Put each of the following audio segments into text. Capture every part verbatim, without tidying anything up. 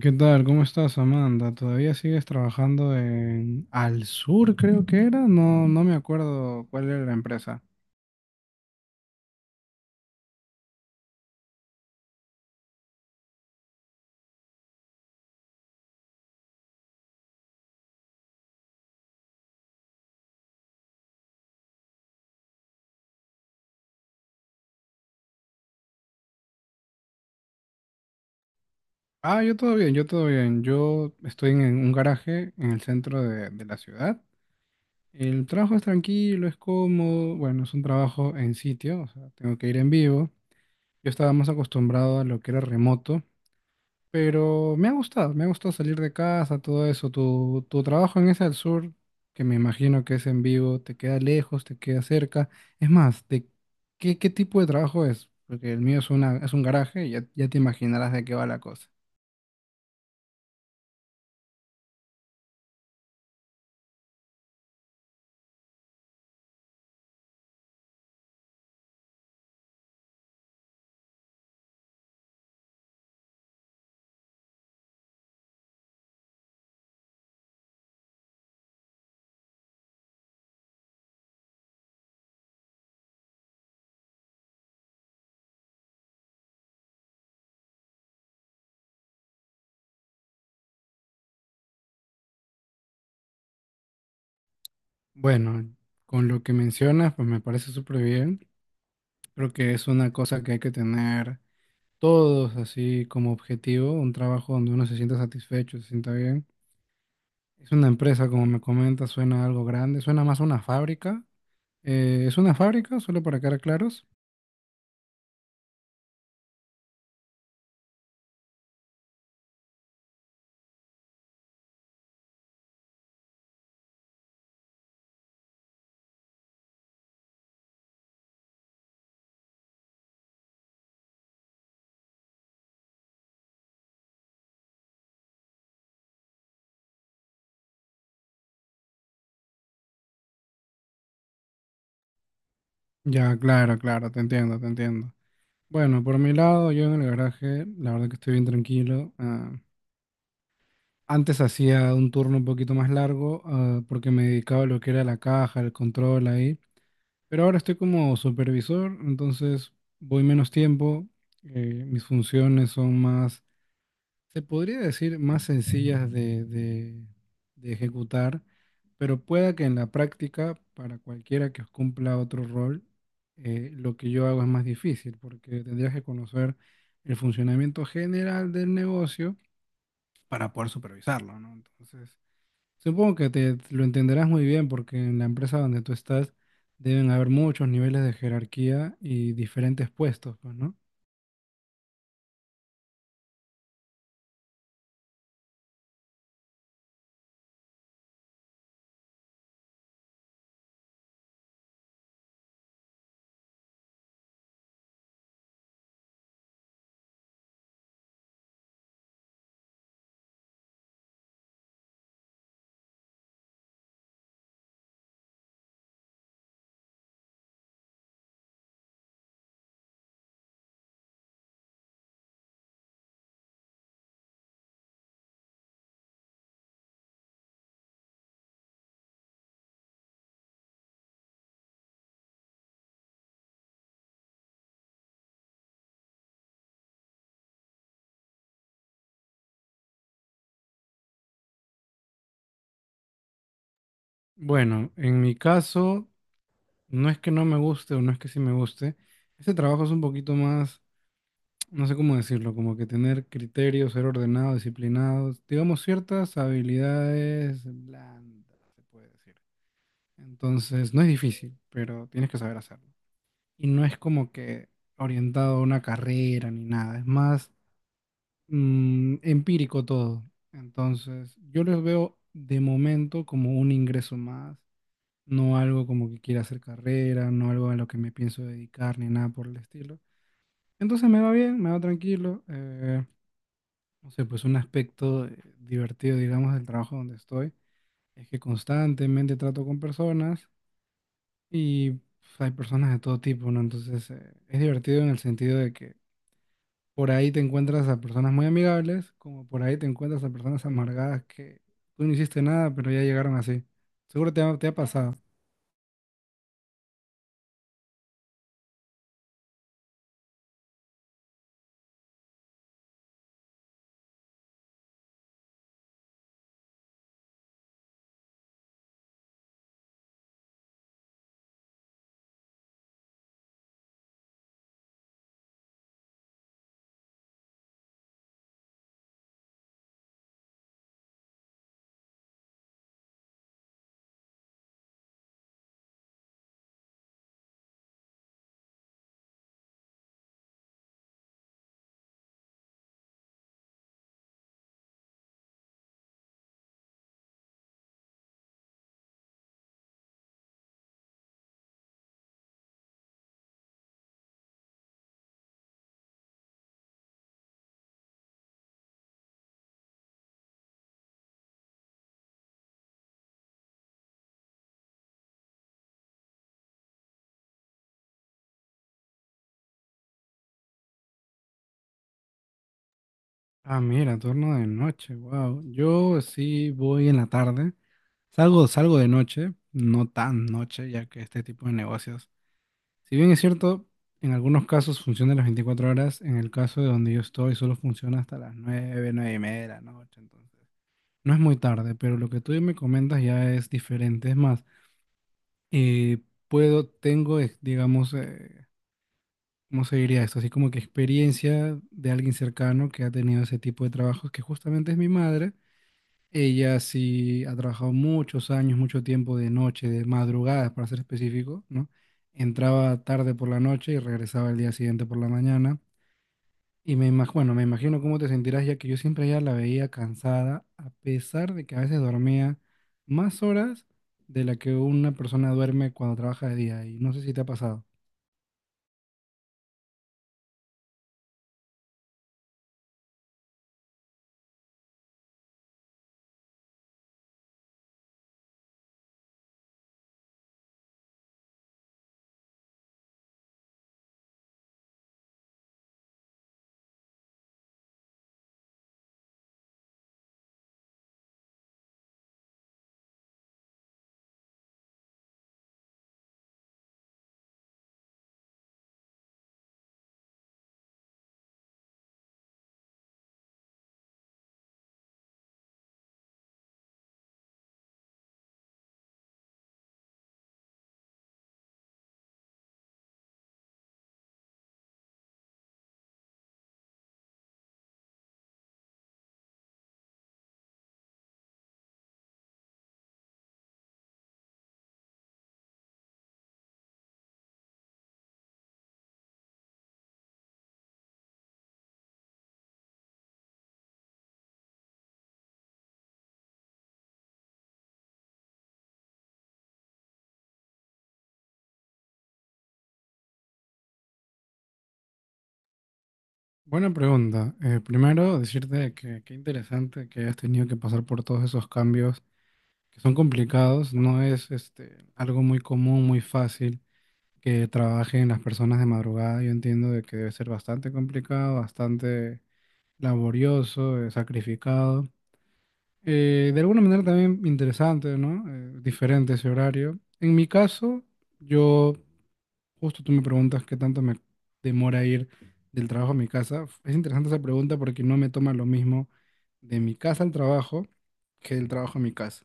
¿Qué tal? ¿Cómo estás, Amanda? ¿Todavía sigues trabajando en Al Sur, creo que era? No, no me acuerdo cuál era la empresa. Ah, yo todo bien, yo todo bien. Yo estoy en un garaje en el centro de, de la ciudad. El trabajo es tranquilo, es cómodo. Bueno, es un trabajo en sitio, o sea, tengo que ir en vivo. Yo estaba más acostumbrado a lo que era remoto. Pero me ha gustado, me ha gustado salir de casa, todo eso. Tu, tu trabajo en ese Al Sur, que me imagino que es en vivo, te queda lejos, te queda cerca. Es más, ¿de qué, qué tipo de trabajo es? Porque el mío es una, es un garaje y ya, ya te imaginarás de qué va la cosa. Bueno, con lo que mencionas, pues me parece súper bien. Creo que es una cosa que hay que tener todos así como objetivo, un trabajo donde uno se sienta satisfecho, se sienta bien. Es una empresa, como me comentas, suena algo grande, suena más a una fábrica. Eh, ¿es una fábrica? Solo para quedar claros. Ya, claro, claro, te entiendo, te entiendo. Bueno, por mi lado, yo en el garaje, la verdad que estoy bien tranquilo. Ah, antes hacía un turno un poquito más largo, ah, porque me dedicaba a lo que era la caja, el control ahí. Pero ahora estoy como supervisor, entonces voy menos tiempo. Eh, mis funciones son más, se podría decir, más sencillas de, de- de ejecutar, pero pueda que en la práctica, para cualquiera que cumpla otro rol, eh, lo que yo hago es más difícil, porque tendrías que conocer el funcionamiento general del negocio para poder supervisarlo, ¿no? Entonces, supongo que te lo entenderás muy bien, porque en la empresa donde tú estás deben haber muchos niveles de jerarquía y diferentes puestos, pues, ¿no? Bueno, en mi caso. No es que no me guste o no es que sí me guste. Este trabajo es un poquito más, no sé cómo decirlo, como que tener criterio, ser ordenado, disciplinado, digamos ciertas habilidades blandas, se puede decir. Entonces, no es difícil, pero tienes que saber hacerlo. Y no es como que orientado a una carrera ni nada, es más mm, empírico todo. Entonces, yo los veo de momento como un ingreso más, no algo como que quiera hacer carrera, no algo a lo que me pienso dedicar ni nada por el estilo. Entonces me va bien, me va tranquilo. Eh, no sé, pues un aspecto eh, divertido, digamos, del trabajo donde estoy es que constantemente trato con personas y pues, hay personas de todo tipo, ¿no? Entonces eh, es divertido en el sentido de que por ahí te encuentras a personas muy amigables, como por ahí te encuentras a personas amargadas que tú no hiciste nada, pero ya llegaron así. Seguro te ha- te ha pasado. Ah, mira, turno de noche, wow. Yo sí voy en la tarde. Salgo, salgo de noche, no tan noche, ya que este tipo de negocios, si bien es cierto, en algunos casos funciona las veinticuatro horas. En el caso de donde yo estoy, solo funciona hasta las nueve, nueve y media de la noche, entonces no es muy tarde, pero lo que tú me comentas ya es diferente, es más, eh, puedo, tengo, eh, digamos, eh, ¿cómo se diría esto? Así como que experiencia de alguien cercano que ha tenido ese tipo de trabajos, que justamente es mi madre. Ella sí ha trabajado muchos años, mucho tiempo de noche, de madrugadas para ser específico, ¿no? Entraba tarde por la noche y regresaba el día siguiente por la mañana. Y me imagino, bueno, me imagino cómo te sentirás, ya que yo siempre ya la veía cansada, a pesar de que a veces dormía más horas de la que una persona duerme cuando trabaja de día. Y no sé si te ha pasado. Buena pregunta. Eh, primero, decirte que qué interesante que hayas tenido que pasar por todos esos cambios, que son complicados, no es, este, algo muy común, muy fácil que trabajen las personas de madrugada. Yo entiendo de que debe ser bastante complicado, bastante laborioso, eh, sacrificado. Eh, de alguna manera también interesante, ¿no? Eh, diferente ese horario. En mi caso, yo, justo tú me preguntas qué tanto me demora ir del trabajo a mi casa. Es interesante esa pregunta porque no me toma lo mismo de mi casa al trabajo que del trabajo a mi casa.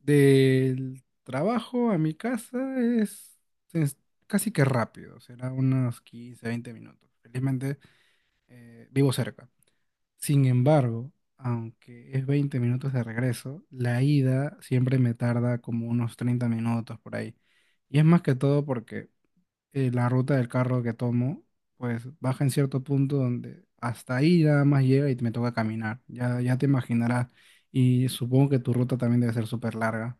Del trabajo a mi casa es, es casi que rápido, será unos quince, veinte minutos. Felizmente eh, vivo cerca. Sin embargo, aunque es veinte minutos de regreso, la ida siempre me tarda como unos treinta minutos por ahí. Y es más que todo porque eh, la ruta del carro que tomo, pues baja en cierto punto donde hasta ahí nada más llega y me toca caminar. Ya, ya te imaginarás. Y supongo que tu ruta también debe ser súper larga.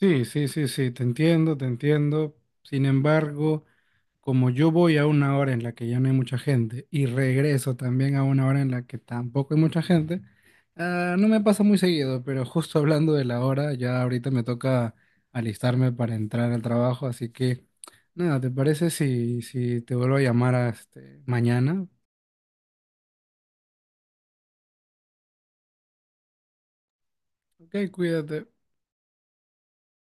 Sí, sí, sí, sí, te entiendo, te entiendo. Sin embargo, como yo voy a una hora en la que ya no hay mucha gente y regreso también a una hora en la que tampoco hay mucha gente, ah, no me pasa muy seguido, pero justo hablando de la hora, ya ahorita me toca alistarme para entrar al trabajo, así que nada, ¿te parece si, si te vuelvo a llamar a este, mañana? Ok, cuídate.